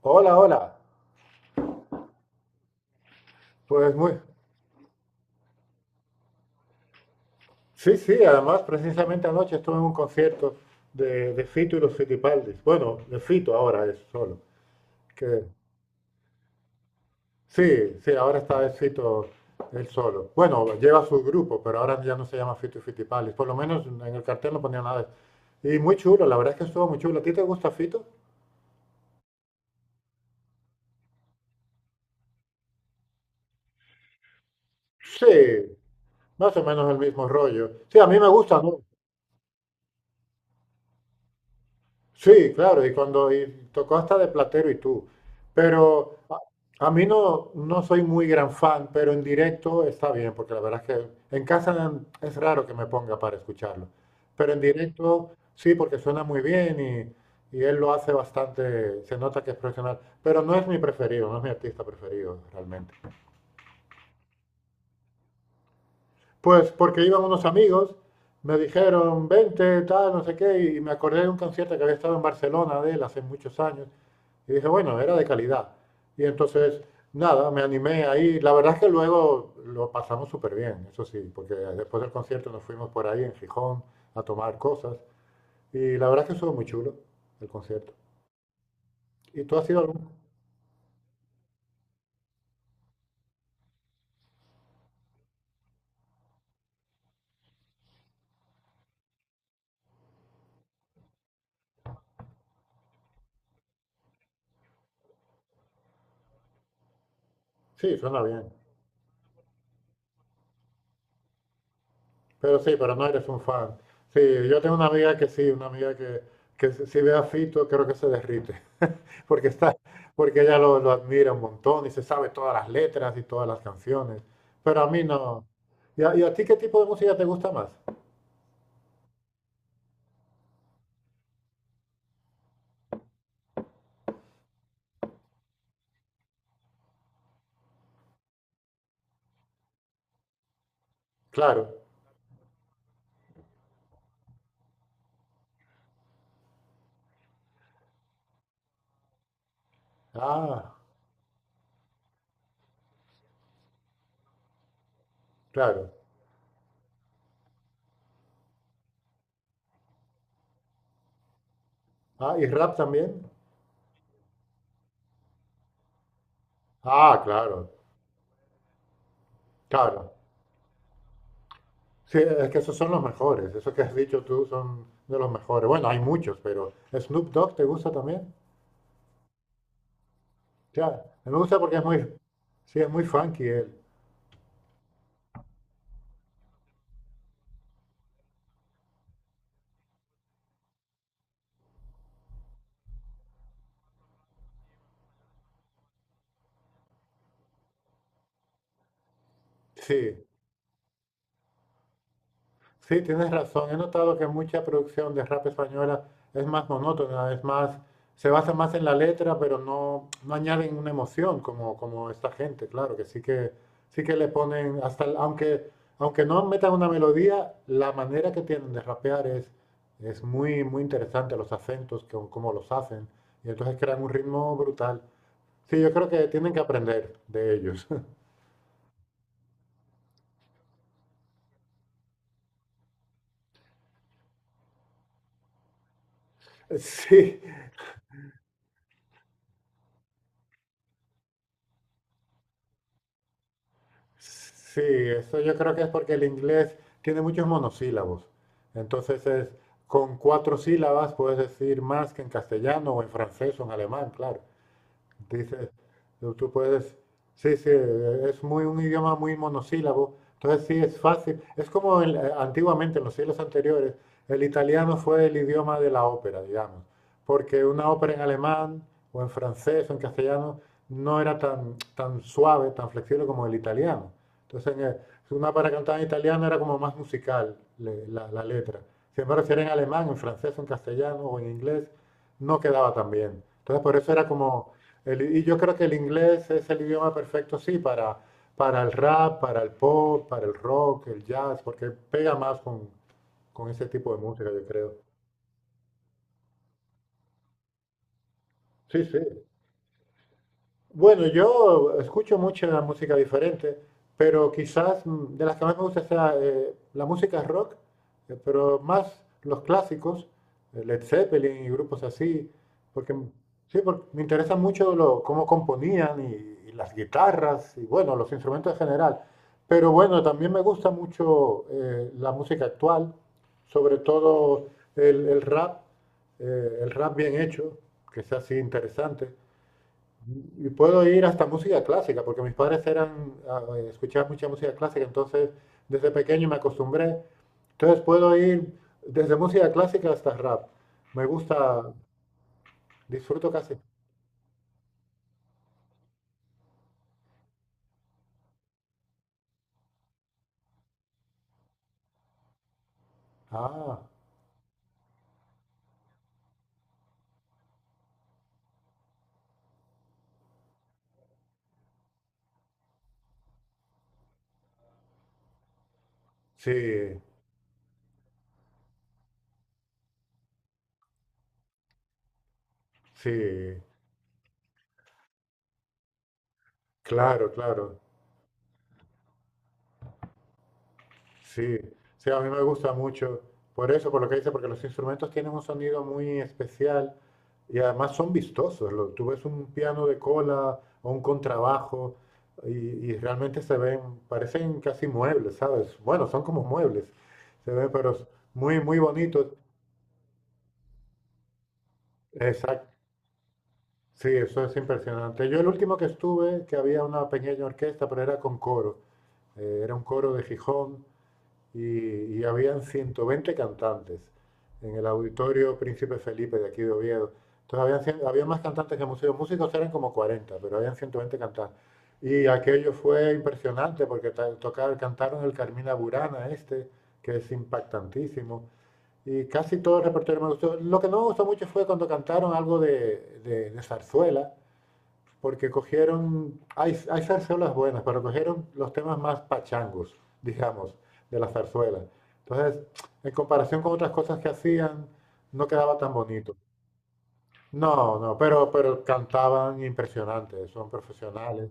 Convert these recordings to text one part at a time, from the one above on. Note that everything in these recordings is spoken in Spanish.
Hola, hola. Pues. Sí, sí, además precisamente anoche estuve en un concierto de Fito y los Fitipaldis. Bueno, de Fito ahora es solo. Que... Sí, sí, ahora está el Fito él solo. Bueno, lleva su grupo, pero ahora ya no se llama Fito y Fitipaldis. Por lo menos en el cartel no ponía nada. Y muy chulo, la verdad es que estuvo muy chulo. ¿A ti te gusta Fito? Sí, más o menos el mismo rollo. Sí, a mí me gusta, ¿no? Sí, claro, y cuando y tocó hasta de Platero y tú. Pero a mí no, soy muy gran fan, pero en directo está bien, porque la verdad es que en casa es raro que me ponga para escucharlo. Pero en directo sí, porque suena muy bien y él lo hace bastante, se nota que es profesional. Pero no es mi preferido, no es mi artista preferido realmente. Pues porque iban unos amigos, me dijeron, vente, tal, no sé qué, y me acordé de un concierto que había estado en Barcelona de él hace muchos años. Y dije, bueno, era de calidad. Y entonces, nada, me animé ahí. La verdad es que luego lo pasamos súper bien, eso sí, porque después del concierto nos fuimos por ahí en Gijón a tomar cosas. Y la verdad es que estuvo muy chulo el concierto. ¿Y tú has ido a algún? Sí, suena bien. Pero sí, pero no eres un fan. Sí, yo tengo una amiga que sí, una amiga que si si ve a Fito creo que se derrite. Porque está, Porque ella lo admira un montón y se sabe todas las letras y todas las canciones. Pero a mí no. ¿Y y a ti qué tipo de música te gusta más? Claro. Ah, claro. Ah, ¿y rap también? Ah, claro, claro. Sí, es que esos son los mejores. Eso que has dicho tú son de los mejores. Bueno, hay muchos, pero ¿Snoop Dogg te gusta también? Ya, me gusta porque es muy, sí, es muy funky él. Sí, sí, tienes razón. He notado que mucha producción de rap española es más monótona, es más, se basa más en la letra, pero no, añaden una emoción como, como esta gente, claro, que sí que, sí que le ponen, hasta, aunque no metan una melodía, la manera que tienen de rapear es muy, muy interesante, los acentos, como, como los hacen, y entonces crean un ritmo brutal. Sí, yo creo que tienen que aprender de ellos. Sí, sí, eso yo creo que es porque el inglés tiene muchos monosílabos. Entonces es, con 4 sílabas puedes decir más que en castellano o en francés o en alemán, claro. Dice, tú puedes, sí, sí, es muy un idioma muy monosílabo, entonces sí es fácil. Es como el, antiguamente, en los siglos anteriores, el italiano fue el idioma de la ópera, digamos, porque una ópera en alemán o en francés o en castellano no era tan, tan suave, tan flexible como el italiano. Entonces, una para cantar en italiano era como más musical la letra. Sin embargo, si era en alemán, en francés, en castellano o en inglés, no quedaba tan bien. Entonces, por eso era como y yo creo que el inglés es el idioma perfecto, sí, para el rap, para el pop, para el rock, el jazz, porque pega más con ese tipo de música, yo creo. Sí, sí. Bueno, yo escucho mucha música diferente, pero quizás de las que más me gusta sea la música rock, pero más los clásicos, Led Zeppelin y grupos así, porque sí, porque me interesa mucho lo, cómo componían y las guitarras y bueno, los instrumentos en general. Pero bueno, también me gusta mucho la música actual, sobre todo el, el rap, el rap bien hecho, que sea así interesante. Y puedo ir hasta música clásica, porque mis padres eran, escuchaban mucha música clásica, entonces desde pequeño me acostumbré. Entonces puedo ir desde música clásica hasta rap. Me gusta, disfruto casi. Ah, sí, sí, claro, claro. Sí, sí, a mí me gusta mucho. Por eso, por lo que dice, porque los instrumentos tienen un sonido muy especial y además son vistosos. Tú ves un piano de cola o un contrabajo y, y realmente se ven, parecen casi muebles, ¿sabes? Bueno, son como muebles, se ven, pero muy, muy bonitos. Exacto. Sí, eso es impresionante. Yo el último que estuve, que había una pequeña orquesta, pero era con coro. Era un coro de Gijón y habían 120 cantantes en el auditorio Príncipe Felipe de aquí de Oviedo. Entonces habían, había más cantantes que músicos. Músicos eran como 40, pero habían 120 cantantes. Y aquello fue impresionante porque tocar, cantaron el Carmina Burana este, que es impactantísimo. Y casi todo el repertorio me gustó. Lo que no me gustó mucho fue cuando cantaron algo de zarzuela, porque cogieron, hay zarzuelas buenas, pero cogieron los temas más pachangos, digamos, de la zarzuela. Entonces, en comparación con otras cosas que hacían, no quedaba tan bonito. No, no, pero cantaban impresionantes, son profesionales.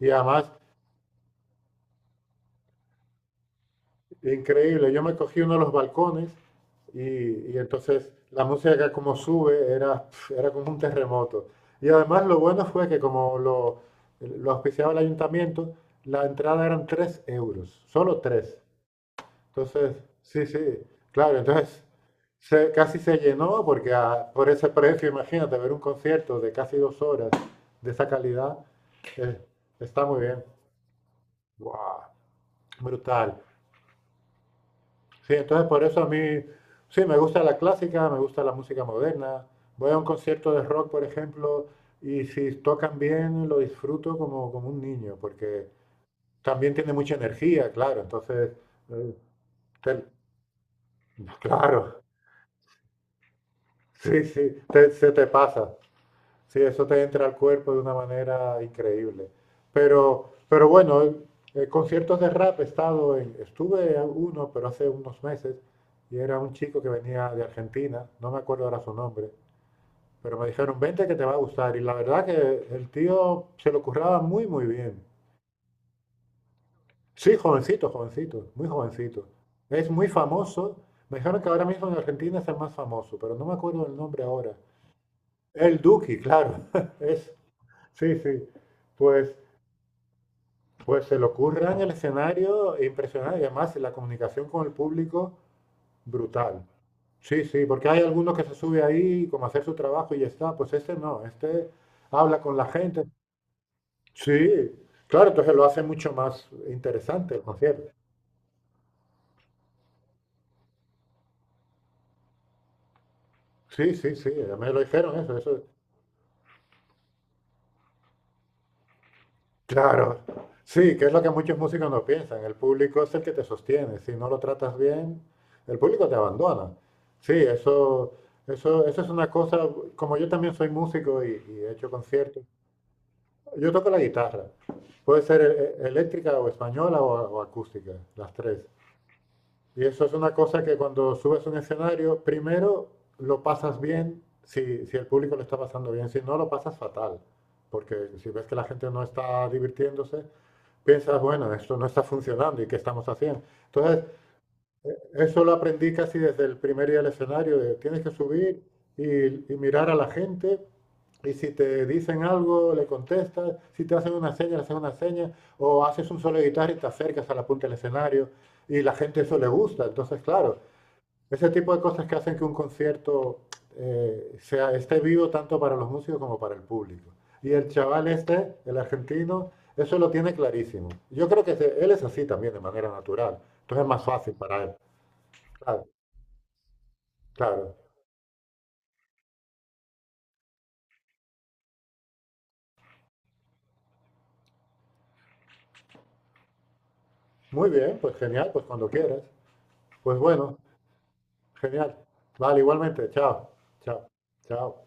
Y además increíble, yo me cogí uno de los balcones y, y entonces la música como sube era, pf, era como un terremoto. Y además lo bueno fue que como lo auspiciaba el ayuntamiento, la entrada eran 3 euros, solo tres. Entonces, sí, sí, claro, entonces casi se llenó porque por ese precio, imagínate, ver un concierto de casi 2 horas de esa calidad, eh, está muy bien. ¡Guau! Brutal. Sí, entonces por eso a mí, sí, me gusta la clásica, me gusta la música moderna. Voy a un concierto de rock, por ejemplo, y si tocan bien lo disfruto como, como un niño, porque también tiene mucha energía, claro. Entonces, eh, te- claro, sí, sí, se te pasa. Sí, eso te entra al cuerpo de una manera increíble. Pero bueno, conciertos de rap he estado en, estuve a uno, pero hace unos meses, y era un chico que venía de Argentina, no me acuerdo ahora su nombre, pero me dijeron, vente que te va a gustar. Y la verdad que el tío se lo curraba muy, muy bien. Sí, jovencito, jovencito, muy jovencito. Es muy famoso. Me dijeron que ahora mismo en Argentina es el más famoso, pero no me acuerdo el nombre ahora. El Duki, claro. Es, sí, sí. Pues Pues se le ocurre en el escenario impresionante y además la comunicación con el público brutal. Sí, sí, porque hay algunos que se sube ahí como a hacer su trabajo y ya está. Pues este no, este habla con la gente. Sí, claro, entonces lo hace mucho más interesante el concierto. Sí, sí, sí, ya me lo dijeron eso, eso. Claro, sí, que es lo que muchos músicos no piensan. El público es el que te sostiene. Si no lo tratas bien, el público te abandona. Sí, eso es una cosa. Como yo también soy músico y he hecho conciertos, yo toco la guitarra. Puede ser eléctrica o española o acústica, las tres. Y eso es una cosa que cuando subes a un escenario, primero lo pasas bien si, si el público lo está pasando bien, si no lo pasas fatal, porque si ves que la gente no está divirtiéndose, piensas, bueno, esto no está funcionando y qué estamos haciendo. Entonces, eso lo aprendí casi desde el primer día del escenario, de tienes que subir y mirar a la gente y si te dicen algo, le contestas, si te hacen una seña, le haces una seña, o haces un solo de guitarra y te acercas a la punta del escenario y la gente eso le gusta. Entonces, claro, ese tipo de cosas que hacen que un concierto sea, esté vivo tanto para los músicos como para el público. Y el chaval este, el argentino, eso lo tiene clarísimo. Yo creo que él es así también de manera natural. Entonces es más fácil para él. Claro, claro. Muy bien, pues genial, pues cuando quieras. Pues bueno, genial. Vale, igualmente. Chao, chao, chao.